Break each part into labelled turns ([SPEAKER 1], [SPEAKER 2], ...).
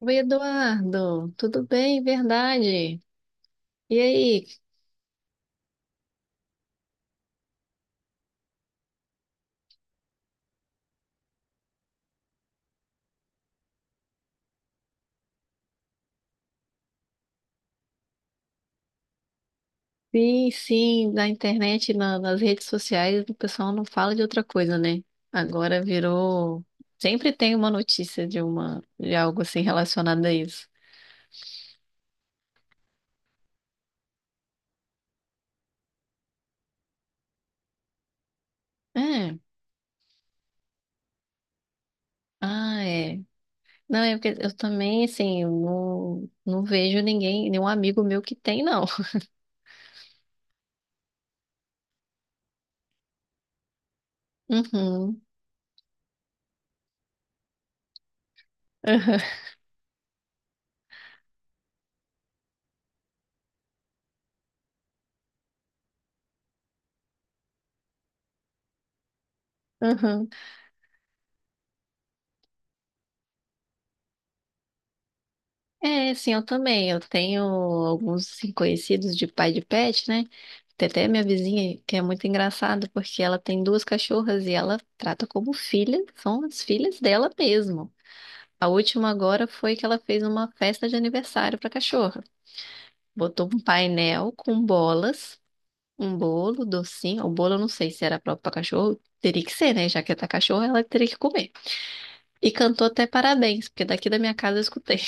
[SPEAKER 1] Oi, Eduardo, tudo bem? Verdade. E aí? Sim, sim, na internet, nas redes sociais, o pessoal não fala de outra coisa, né? Agora virou. Sempre tem uma notícia de algo assim relacionado a isso. É, ah, é. Não, é porque eu também, assim, eu não vejo ninguém, nenhum amigo meu que tem, não. Uhum. Uhum. É, sim, eu também. Eu tenho alguns assim, conhecidos de pai de pet, né? Tem até minha vizinha, que é muito engraçado, porque ela tem duas cachorras e ela trata como filha, são as filhas dela mesmo. A última agora foi que ela fez uma festa de aniversário para cachorra. Botou um painel com bolas, um bolo, docinho. O bolo eu não sei se era próprio para cachorro, teria que ser, né? Já que é da cachorra, ela teria que comer. E cantou até parabéns, porque daqui da minha casa eu escutei.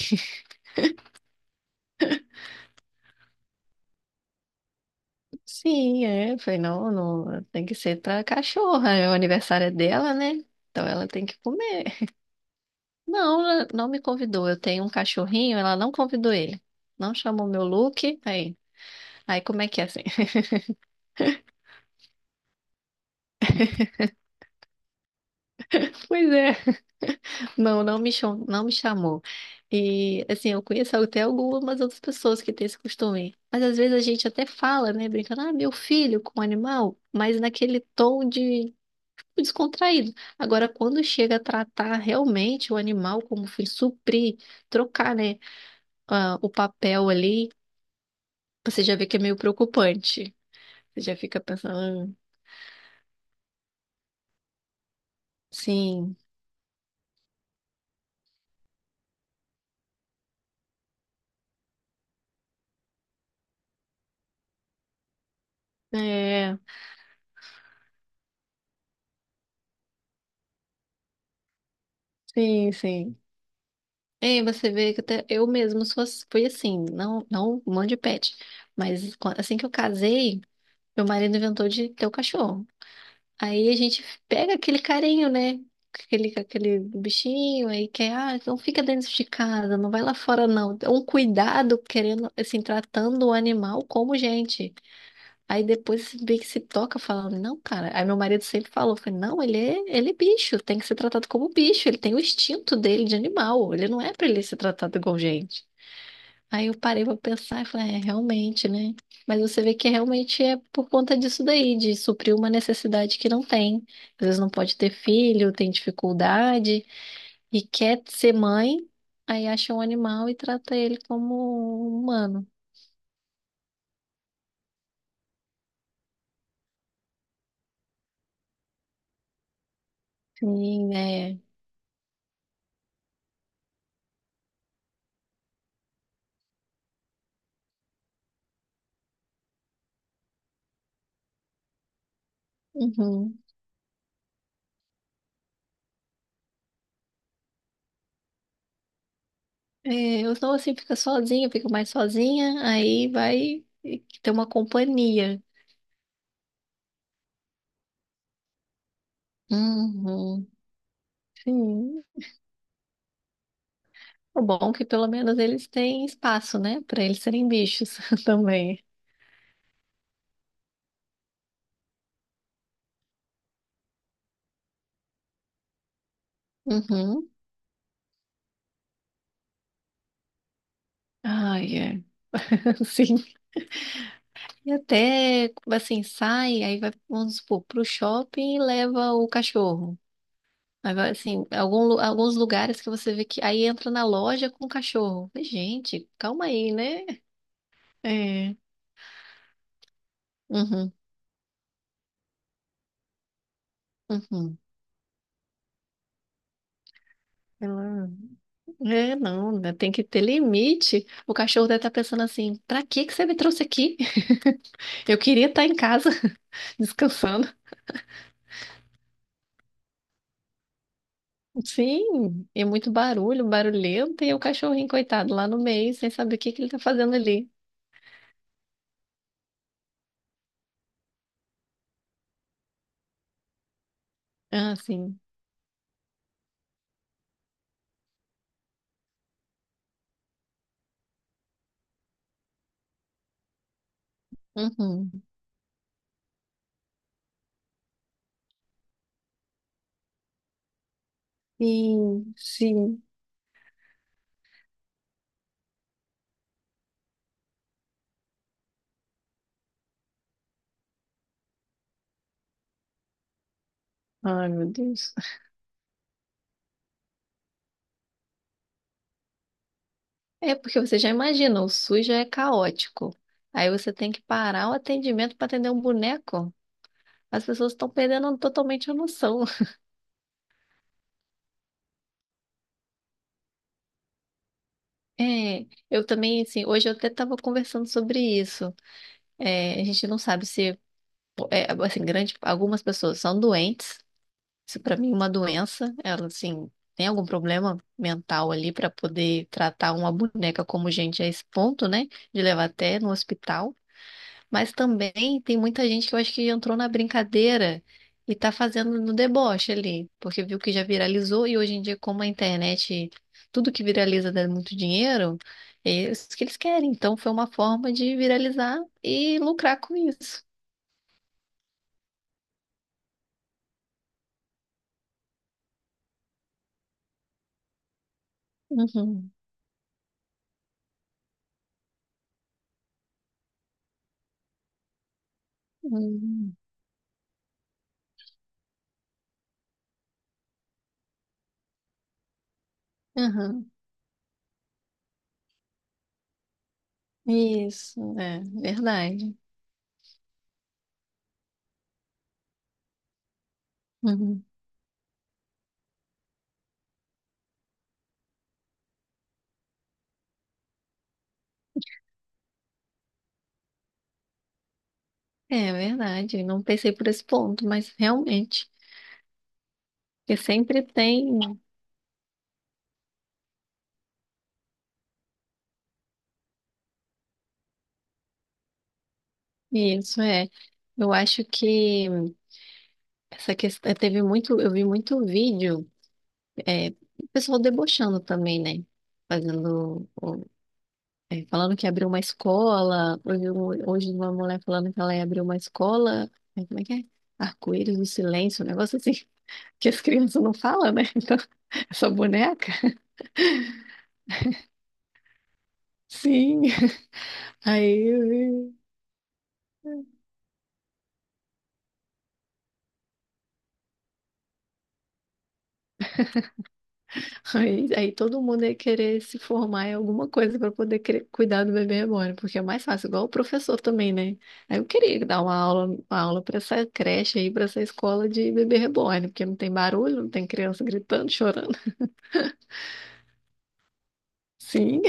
[SPEAKER 1] Sim, é. Eu falei, não, não, tem que ser pra cachorra. É, o aniversário é dela, né? Então ela tem que comer. Não, ela não me convidou. Eu tenho um cachorrinho, ela não convidou ele. Não chamou meu look. Aí, como é que é assim? Pois é. Não, não me chamou, não me chamou. E assim, eu conheço até algumas outras pessoas que têm esse costume. Mas às vezes a gente até fala, né, brincando, ah, meu filho com um animal, mas naquele tom de descontraído. Agora, quando chega a tratar realmente o animal como fim, suprir, trocar, né, ah, o papel ali, você já vê que é meio preocupante. Você já fica pensando, "Ah, sim, é, sim, sim. E você vê que até eu mesmo fui assim, não, não mande pet, mas assim que eu casei, meu marido inventou de ter o cachorro. Aí a gente pega aquele carinho, né? Aquele bichinho aí que é, ah, não fica dentro de casa, não vai lá fora, não. É um cuidado querendo, assim, tratando o animal como gente. Aí depois você vê que se toca falando, não, cara. Aí meu marido sempre falou, foi, não, ele é bicho, tem que ser tratado como bicho, ele tem o instinto dele de animal, ele não é pra ele ser tratado igual gente. Aí eu parei pra pensar e falei, é, realmente, né? Mas você vê que realmente é por conta disso daí, de suprir uma necessidade que não tem. Às vezes não pode ter filho, tem dificuldade e quer ser mãe, aí acha um animal e trata ele como um humano. Sim, é. Uhum. É, eu sou assim, fica sozinha, fico mais sozinha, aí vai ter uma companhia. Uhum. Sim. O bom é que pelo menos eles têm espaço, né? Para eles serem bichos também. Uhum. Ai, é. Sim. E até, assim, sai, aí vai, vamos supor, pro shopping e leva o cachorro. Aí vai, assim, alguns lugares que você vê que aí entra na loja com o cachorro. Falei, gente, calma aí, né? É. Uhum. Uhum. Ela- É, não, né, tem que ter limite. O cachorro deve estar pensando assim: pra que que você me trouxe aqui? Eu queria estar em casa. Descansando. Sim, e muito barulho, barulhento, e o cachorrinho, coitado, lá no meio, sem saber o que que ele tá fazendo ali. Ah, sim. Uhum. Sim, sim. Ai, meu Deus. É porque você já imagina, o SUS já é caótico. Aí você tem que parar o atendimento para atender um boneco. As pessoas estão perdendo totalmente a noção. É, eu também, assim, hoje eu até estava conversando sobre isso. É, a gente não sabe se, é, assim, grande, algumas pessoas são doentes. Isso para mim é uma doença. Ela, assim, tem algum problema mental ali para poder tratar uma boneca como gente a esse ponto, né? De levar até no hospital. Mas também tem muita gente que eu acho que entrou na brincadeira e tá fazendo no deboche ali, porque viu que já viralizou e hoje em dia, como a internet, tudo que viraliza dá muito dinheiro, é isso que eles querem. Então foi uma forma de viralizar e lucrar com isso. Uhum. Uhum. Uhum. Isso, é verdade. Uhum. É verdade, não pensei por esse ponto, mas realmente, porque sempre tem isso, é. Eu acho que essa questão teve muito, eu vi muito vídeo, é, o pessoal debochando também, né? Fazendo, é, falando que abriu uma escola. Hoje uma mulher falando que ela ia abrir uma escola. Como é que é? Arco-íris do silêncio, um negócio assim, que as crianças não falam, né? Então, essa boneca. Sim. Aí, aí, todo mundo ia querer se formar em alguma coisa para poder cuidar do bebê reborn, porque é mais fácil, igual o professor também, né? Aí eu queria dar uma aula para essa creche aí, para essa escola de bebê reborn, porque não tem barulho, não tem criança gritando, chorando. Sim,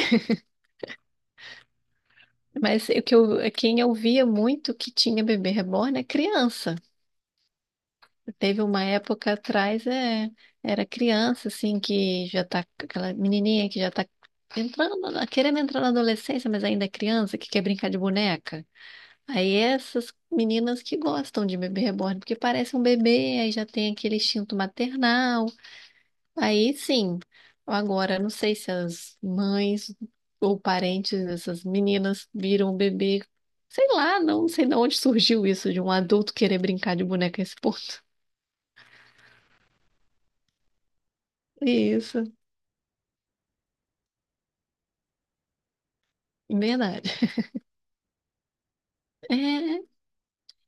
[SPEAKER 1] mas quem eu via muito que tinha bebê reborn é criança. Teve uma época atrás, é, era criança, assim, que já tá, aquela menininha que já tá entrando, querendo entrar na adolescência, mas ainda é criança, que quer brincar de boneca. Aí essas meninas que gostam de bebê reborn, porque parece um bebê, aí já tem aquele instinto maternal. Aí sim, agora não sei se as mães ou parentes dessas meninas viram o bebê, sei lá, não sei de onde surgiu isso, de um adulto querer brincar de boneca a esse ponto. Isso. Verdade. É,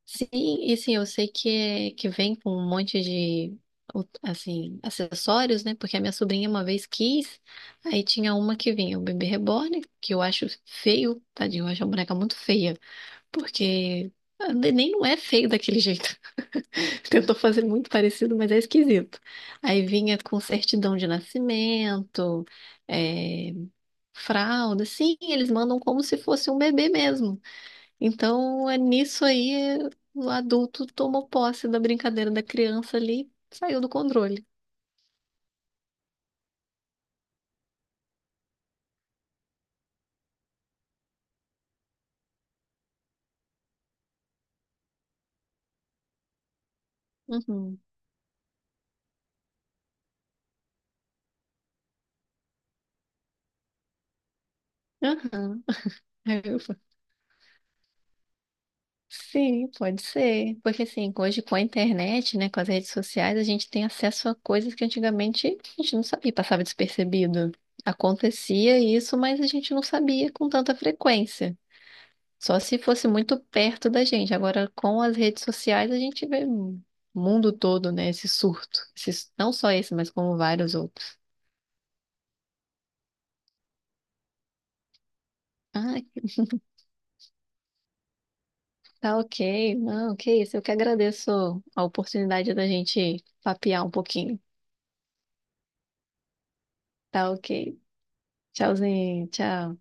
[SPEAKER 1] sim, e sim, eu sei que, que vem com um monte de, assim, acessórios, né? Porque a minha sobrinha uma vez quis, aí tinha uma que vinha o bebê reborn, que eu acho feio, tadinho, eu acho a boneca muito feia, porque a neném não é feio daquele jeito. Tentou fazer muito parecido, mas é esquisito. Aí vinha com certidão de nascimento, é, fralda, sim, eles mandam como se fosse um bebê mesmo. Então, é nisso aí, o adulto tomou posse da brincadeira da criança ali, saiu do controle. Uhum. Aham. Aí eu fa- Sim, pode ser. Porque assim, hoje com a internet, né, com as redes sociais, a gente tem acesso a coisas que antigamente a gente não sabia, passava despercebido. Acontecia isso, mas a gente não sabia com tanta frequência. Só se fosse muito perto da gente. Agora, com as redes sociais, a gente vê o mundo todo, né? Esse surto. Não só esse, mas como vários outros. Ah, tá ok. Não, que isso. Eu que agradeço a oportunidade da gente papear um pouquinho. Tá ok. Tchauzinho, tchau.